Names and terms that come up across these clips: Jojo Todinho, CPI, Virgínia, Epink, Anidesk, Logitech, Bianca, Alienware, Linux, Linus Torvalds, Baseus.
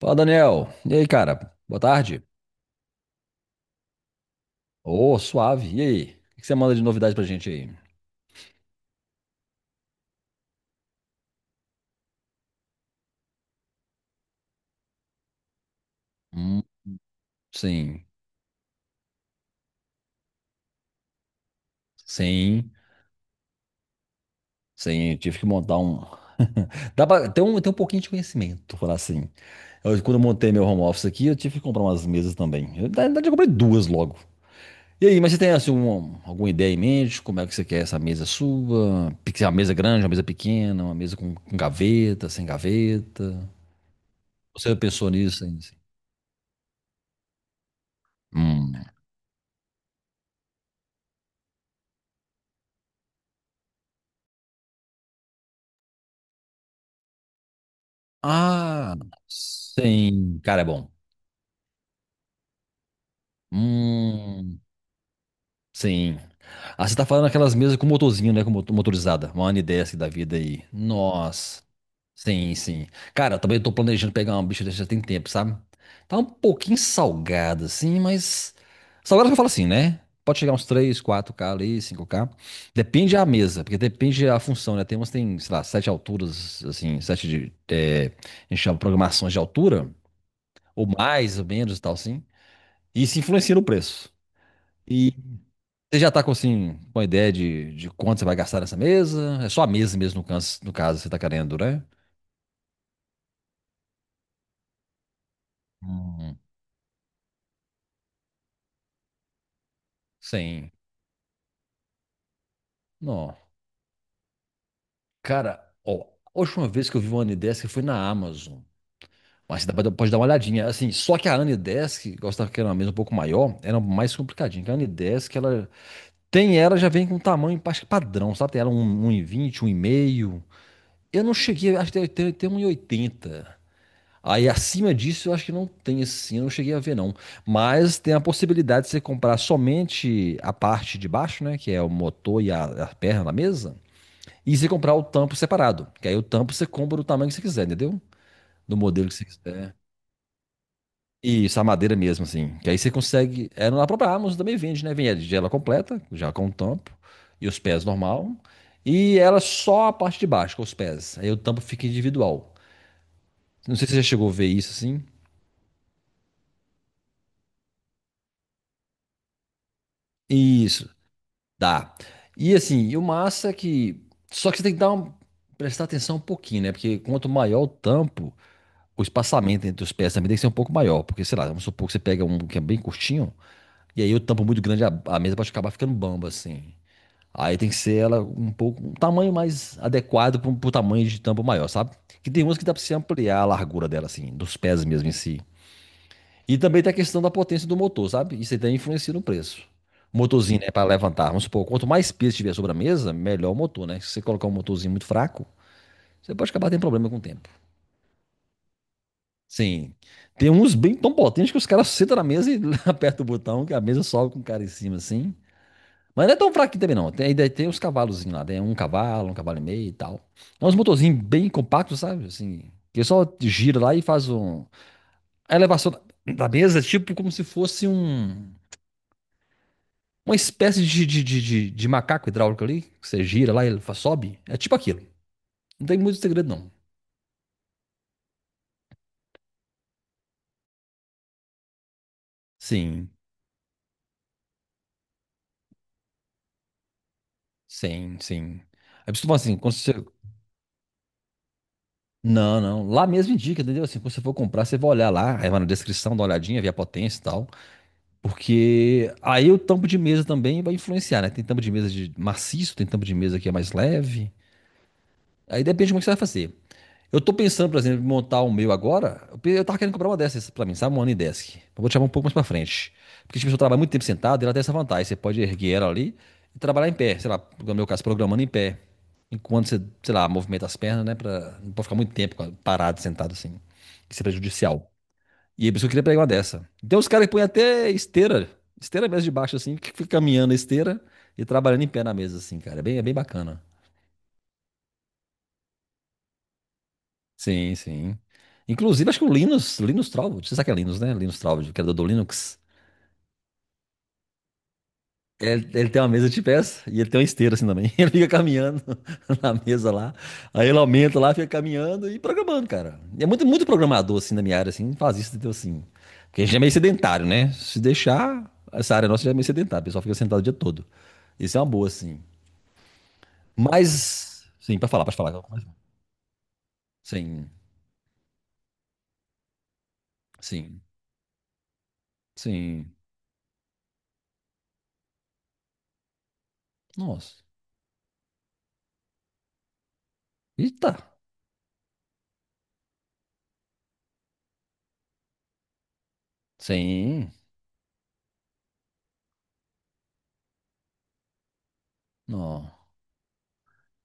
Fala, Daniel. E aí, cara? Boa tarde. Ô, suave. E aí? O que você manda de novidade pra gente aí? Hum, sim. Sim. Sim. Tive que montar um. Dá pra ter um pouquinho de conhecimento, falar assim. Eu, quando eu montei meu home office aqui, eu tive que comprar umas mesas também. Eu, na verdade, eu comprei duas logo. E aí, mas você tem assim, alguma ideia em mente? Como é que você quer essa mesa sua? Uma mesa grande, uma mesa pequena, uma mesa com gaveta, sem gaveta? Você pensou nisso ainda? Assim? Hum. Ah, sim. Cara, é bom. Hum, sim. Ah, você tá falando aquelas mesas com motorzinho, né? Com motorizada. Uma N10 da vida aí. Nossa. Sim, sim. Cara, eu também tô planejando pegar uma bicha dessa já tem tempo, sabe? Tá um pouquinho salgada, assim, mas. Salgada que eu falo assim, né? Pode chegar uns três, quatro k ali, cinco k. Depende da mesa, porque depende da função, né? Tem umas que tem, sei lá, sete alturas, assim, sete de. É, a gente chama programações de altura, ou mais ou menos e tal, assim. E isso influencia no preço. E você já tá com, assim, com a ideia de quanto você vai gastar nessa mesa? É só a mesa mesmo, no caso, no caso você tá querendo, né? Hum, sim. Não. Cara, ó, a última vez que eu vi uma Anidesk foi na Amazon. Mas você dá pra- pode dar uma olhadinha. Assim, só que a Anidesk, gostava que era uma mesa um pouco maior, era mais complicadinha. Que a Anidesk, ela tem ela, já vem com um tamanho acho que padrão, sabe? Tem ela um- 1,20, 1,5. Eu não cheguei, acho que tem 1,80. Aí acima disso eu acho que não tem assim, eu não cheguei a ver não. Mas tem a possibilidade de você comprar somente a parte de baixo, né? Que é o motor e a perna da mesa. E você comprar o tampo separado. Que aí o tampo você compra do tamanho que você quiser, entendeu? Do modelo que você quiser. Isso, a madeira mesmo, assim. Que aí você consegue. É, na própria Amazon também vende, né? Vende ela completa, já com o tampo. E os pés normal. E ela só a parte de baixo, com os pés. Aí o tampo fica individual. Não sei se você já chegou a ver isso assim. Isso. Dá. E assim, e o massa é que. Só que você tem que dar um... prestar atenção um pouquinho, né? Porque quanto maior o tampo, o espaçamento entre os pés também tem que ser um pouco maior. Porque, sei lá, vamos supor que você pega um que é bem curtinho, e aí o tampo muito grande, a mesa pode acabar ficando bamba, assim. Aí tem que ser ela um pouco, um tamanho mais adequado para o tamanho de tampo maior, sabe? Que tem umas que dá pra você ampliar a largura dela, assim, dos pés mesmo em si. E também tem a questão da potência do motor, sabe? Isso aí também influencia no preço. O motorzinho, né, para levantar, vamos supor, quanto mais peso tiver sobre a mesa, melhor o motor, né? Se você colocar um motorzinho muito fraco, você pode acabar tendo problema com o tempo. Sim. Tem uns bem tão potentes que os caras sentam na mesa e apertam o botão, que a mesa sobe com o cara em cima, assim. Mas não é tão fraquinho também, não. Tem, ainda tem uns cavalozinhos lá, tem um cavalo e meio e tal. É uns motorzinhos bem compactos, sabe? Assim, que só gira lá e faz um... A elevação da da mesa é tipo como se fosse um uma espécie de macaco hidráulico ali, que você gira lá e ele fa- sobe. É tipo aquilo. Não tem muito segredo, não. Sim. Sim, sim. Aí você fala assim, quando você... Não, não. Lá mesmo indica, entendeu? Assim, quando você for comprar, você vai olhar lá, aí vai na descrição, dá uma olhadinha, vê a potência e tal. Porque aí o tampo de mesa também vai influenciar, né? Tem tampo de mesa de maciço, tem tampo de mesa que é mais leve. Aí depende de como é que você vai fazer. Eu tô pensando, por exemplo, em montar o meu agora. Eu pe- eu tava querendo comprar uma dessas pra mim, sabe? Uma Anidesk. Eu vou te chamar um pouco mais pra frente. Porque, tipo, se eu trabalho muito tempo sentado, ela tem essa vantagem. Você pode erguer ela ali e trabalhar em pé. Sei lá, no meu caso, programando em pé. Enquanto você, sei lá, movimenta as pernas, né? Pra... Não pode ficar muito tempo parado, sentado assim. Isso é prejudicial. E aí, por isso que eu queria pegar uma dessa. Tem uns caras que põem até esteira. Esteira mesmo de baixo, assim, que fica caminhando a esteira e trabalhando em pé na mesa, assim, cara. É bem bacana. Sim, sim. Inclusive, acho que o Linus, Linus Torvalds, você sabe que é Linus, né? Linus Torvalds, o criador do Linux. Ele tem uma mesa de pés e ele tem uma esteira assim também. Ele fica caminhando na mesa lá. Aí ele aumenta lá, fica caminhando e programando, cara. E é muito, muito programador assim na minha área, assim, faz isso, entendeu? Assim. Porque a gente é meio sedentário, né? Se deixar, essa área nossa já é meio sedentária, o pessoal fica sentado o dia todo. Isso é uma boa, assim. Mas, sim, pra falar, pode falar. Sim, sim, sim. Nossa. Eita. Sim. Não,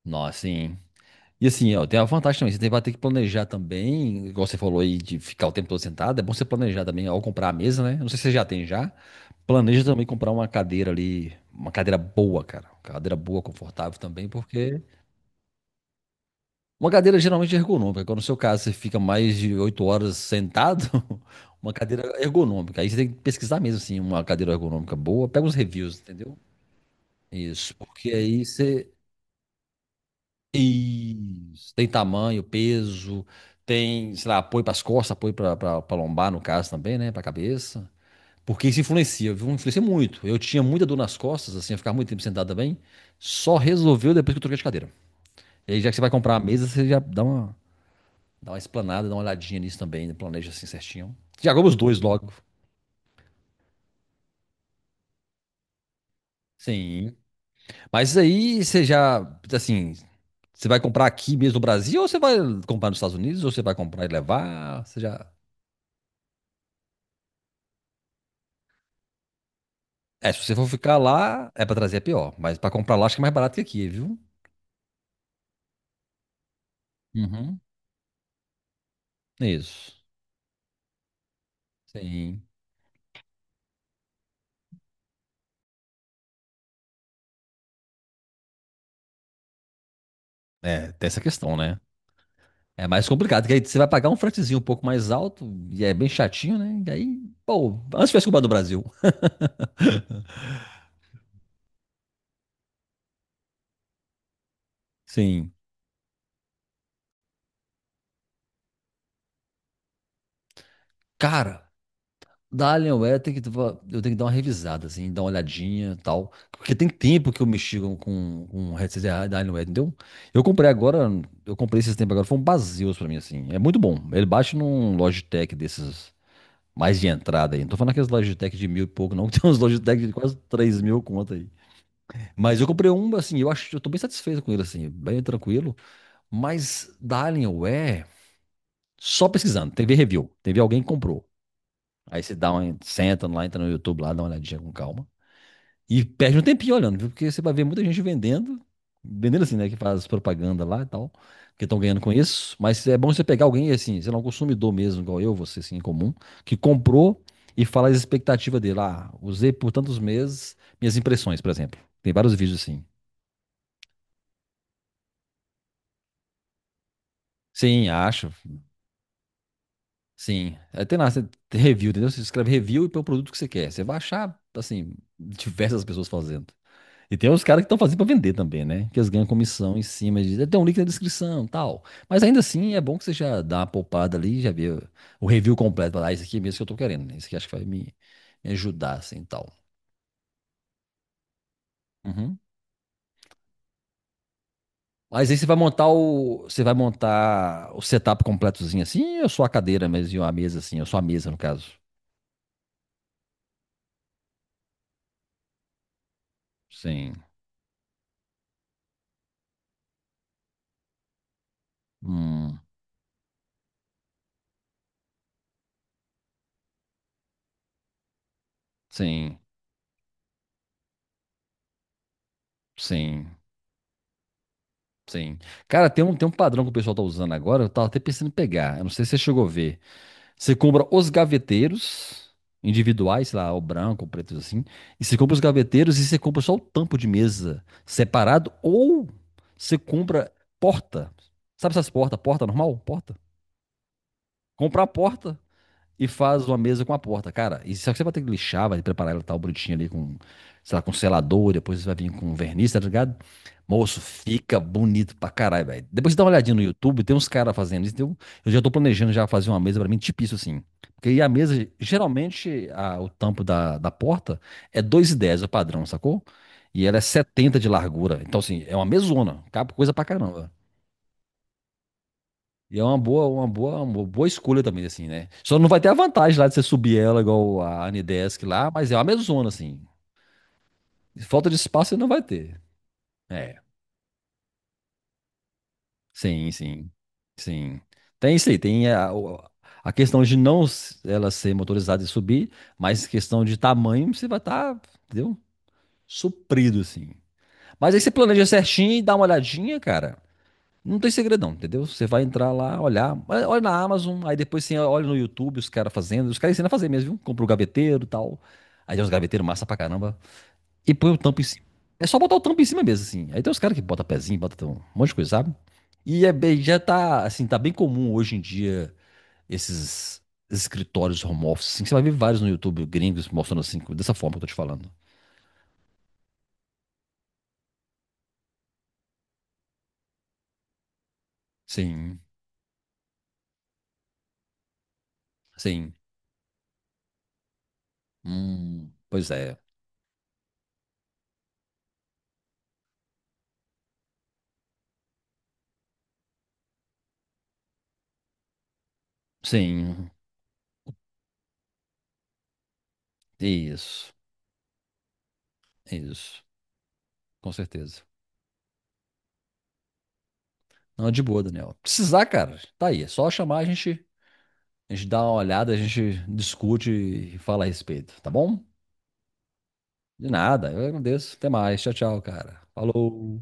não, assim. E assim, ó, tem a vantagem também. Você tem- vai ter que planejar também, igual você falou aí, de ficar o tempo todo sentado. É bom você planejar também ao comprar a mesa, né? Não sei se você já tem já. Planeja também comprar uma cadeira ali, uma cadeira boa, cara. Uma cadeira boa, confortável também, porque uma cadeira geralmente é ergonômica. Quando no seu caso você fica mais de 8 horas sentado, uma cadeira ergonômica. Aí você tem que pesquisar mesmo, assim, uma cadeira ergonômica boa. Pega uns reviews, entendeu? Isso, porque aí você Isso. Tem tamanho, peso, tem, sei lá, apoio para as costas, apoio para a lombar, no caso também, né? Para a cabeça. Porque isso influencia, viu? Influencia muito. Eu tinha muita dor nas costas, assim, eu ficava muito tempo sentado também. Só resolveu depois que eu troquei de cadeira. E aí, já que você vai comprar a mesa, você já dá uma explanada, dá uma olhadinha nisso também, né? Planeja assim certinho. Já compra os dois logo. Sim. Mas isso aí você já, assim, você vai comprar aqui mesmo no Brasil, ou você vai comprar nos Estados Unidos, ou você vai comprar e levar? Você já. É, se você for ficar lá, é pra trazer é pior. Mas pra comprar lá, acho que é mais barato que aqui, viu? Uhum. Isso. Sim. É, tem essa questão, né? É mais complicado, que aí você vai pagar um fretezinho um pouco mais alto, e é bem chatinho, né? E aí, pô, antes tivesse comprado no Brasil. Sim. Cara, da Alienware tem que, eu tenho que dar uma revisada, assim, dar uma olhadinha e tal. Porque tem tempo que eu mexi com um headset da Alienware, entendeu? Eu comprei agora, eu comprei esses tempos agora, foi um Baseus pra mim, assim. É muito bom. Ele baixa num Logitech desses. Mais de entrada aí. Não tô falando aqueles Logitech de mil e pouco, não. Tem uns Logitech de quase 3 mil conta aí. Mas eu comprei um, assim, eu acho, eu tô bem satisfeito com ele, assim, bem tranquilo. Mas da Alienware, só pesquisando, teve review, teve alguém que comprou. Aí você dá uma, senta lá, entra no YouTube lá, dá uma olhadinha com calma. E perde um tempinho olhando, viu? Porque você vai ver muita gente vendendo, vendendo assim, né? Que faz propaganda lá e tal, que estão ganhando com isso. Mas é bom você pegar alguém, assim, sei lá, um consumidor mesmo, igual eu, você, assim, em comum, que comprou e fala as expectativas dele. Ah, usei por tantos meses minhas impressões, por exemplo. Tem vários vídeos assim. Sim, acho. Sim. É, tem lá, você tem review, entendeu? Você escreve review e põe o produto que você quer. Você vai achar, assim, diversas pessoas fazendo. E tem uns caras que estão fazendo pra vender também, né? Que eles ganham comissão em cima de. "É, tem um link na descrição, tal. Mas ainda assim, é bom que você já dá uma poupada ali, já vê o review completo. Fala, ah, isso aqui é mesmo que eu tô querendo, né? Isso aqui acho que vai me ajudar, assim, tal. Uhum. Mas aí você vai montar o. Você vai montar o setup completozinho assim, ou só a cadeira mesmo, e uma mesa assim, ou só a mesa, no caso. Sim. Hum. Sim. Sim. Sim. Cara, tem um padrão que o pessoal tá usando agora, eu tava até pensando em pegar. Eu não sei se você chegou a ver. Você compra os gaveteiros individuais, sei lá, o branco, o preto assim. E você compra os gaveteiros e você compra só o tampo de mesa separado ou você compra porta. Sabe essas portas? Porta normal? Porta. Comprar a porta e faz uma mesa com a porta. Cara, e só que você vai ter que lixar, vai preparar ela tal bonitinha ali com, sei lá, com selador, depois você vai vir com verniz, tá ligado? Moço, fica bonito pra caralho, velho. Depois você dá uma olhadinha no YouTube, tem uns caras fazendo isso. Então, eu já tô planejando já fazer uma mesa pra mim, tipo isso assim. Porque aí a mesa, geralmente, o tampo da porta é 2,10 o padrão, sacou? E ela é 70 de largura. Então, assim, é uma mesona. Cabe coisa pra caramba. E é uma boa, uma boa, uma boa escolha também, assim, né? Só não vai ter a vantagem lá de você subir ela igual a Anidesk lá, mas é uma mesona, assim. Falta de espaço você não vai ter. É, sim, sim, sim. Tem isso aí, tem a questão de não s- ela ser motorizada e subir, mas questão de tamanho você vai estar, entendeu? Suprido, assim. Mas aí você planeja certinho e dá uma olhadinha, cara. Não tem segredão, entendeu? Você vai entrar lá, olhar, olha na Amazon, aí depois você olha no YouTube os caras fazendo, os caras ensinam a fazer mesmo, viu? Compra o gaveteiro e tal. Aí tem uns gaveteiros massa pra caramba. E põe o tampo em cima. É só botar o tampo em cima mesmo, assim. Aí tem os caras que botam pezinho, botam um monte de coisa, sabe? E é bem, já tá, assim, tá bem comum hoje em dia esses escritórios home office, assim, que você vai ver vários no YouTube gringos mostrando assim, dessa forma que eu tô te falando. Sim, sim. Pois é. Sim, isso, isso. Com certeza. Não, de boa, Daniel. Precisar, cara, tá aí. É só chamar, a gente dá uma olhada, a gente discute e fala a respeito, tá bom? De nada, eu agradeço. Até mais. Tchau, tchau, cara. Falou.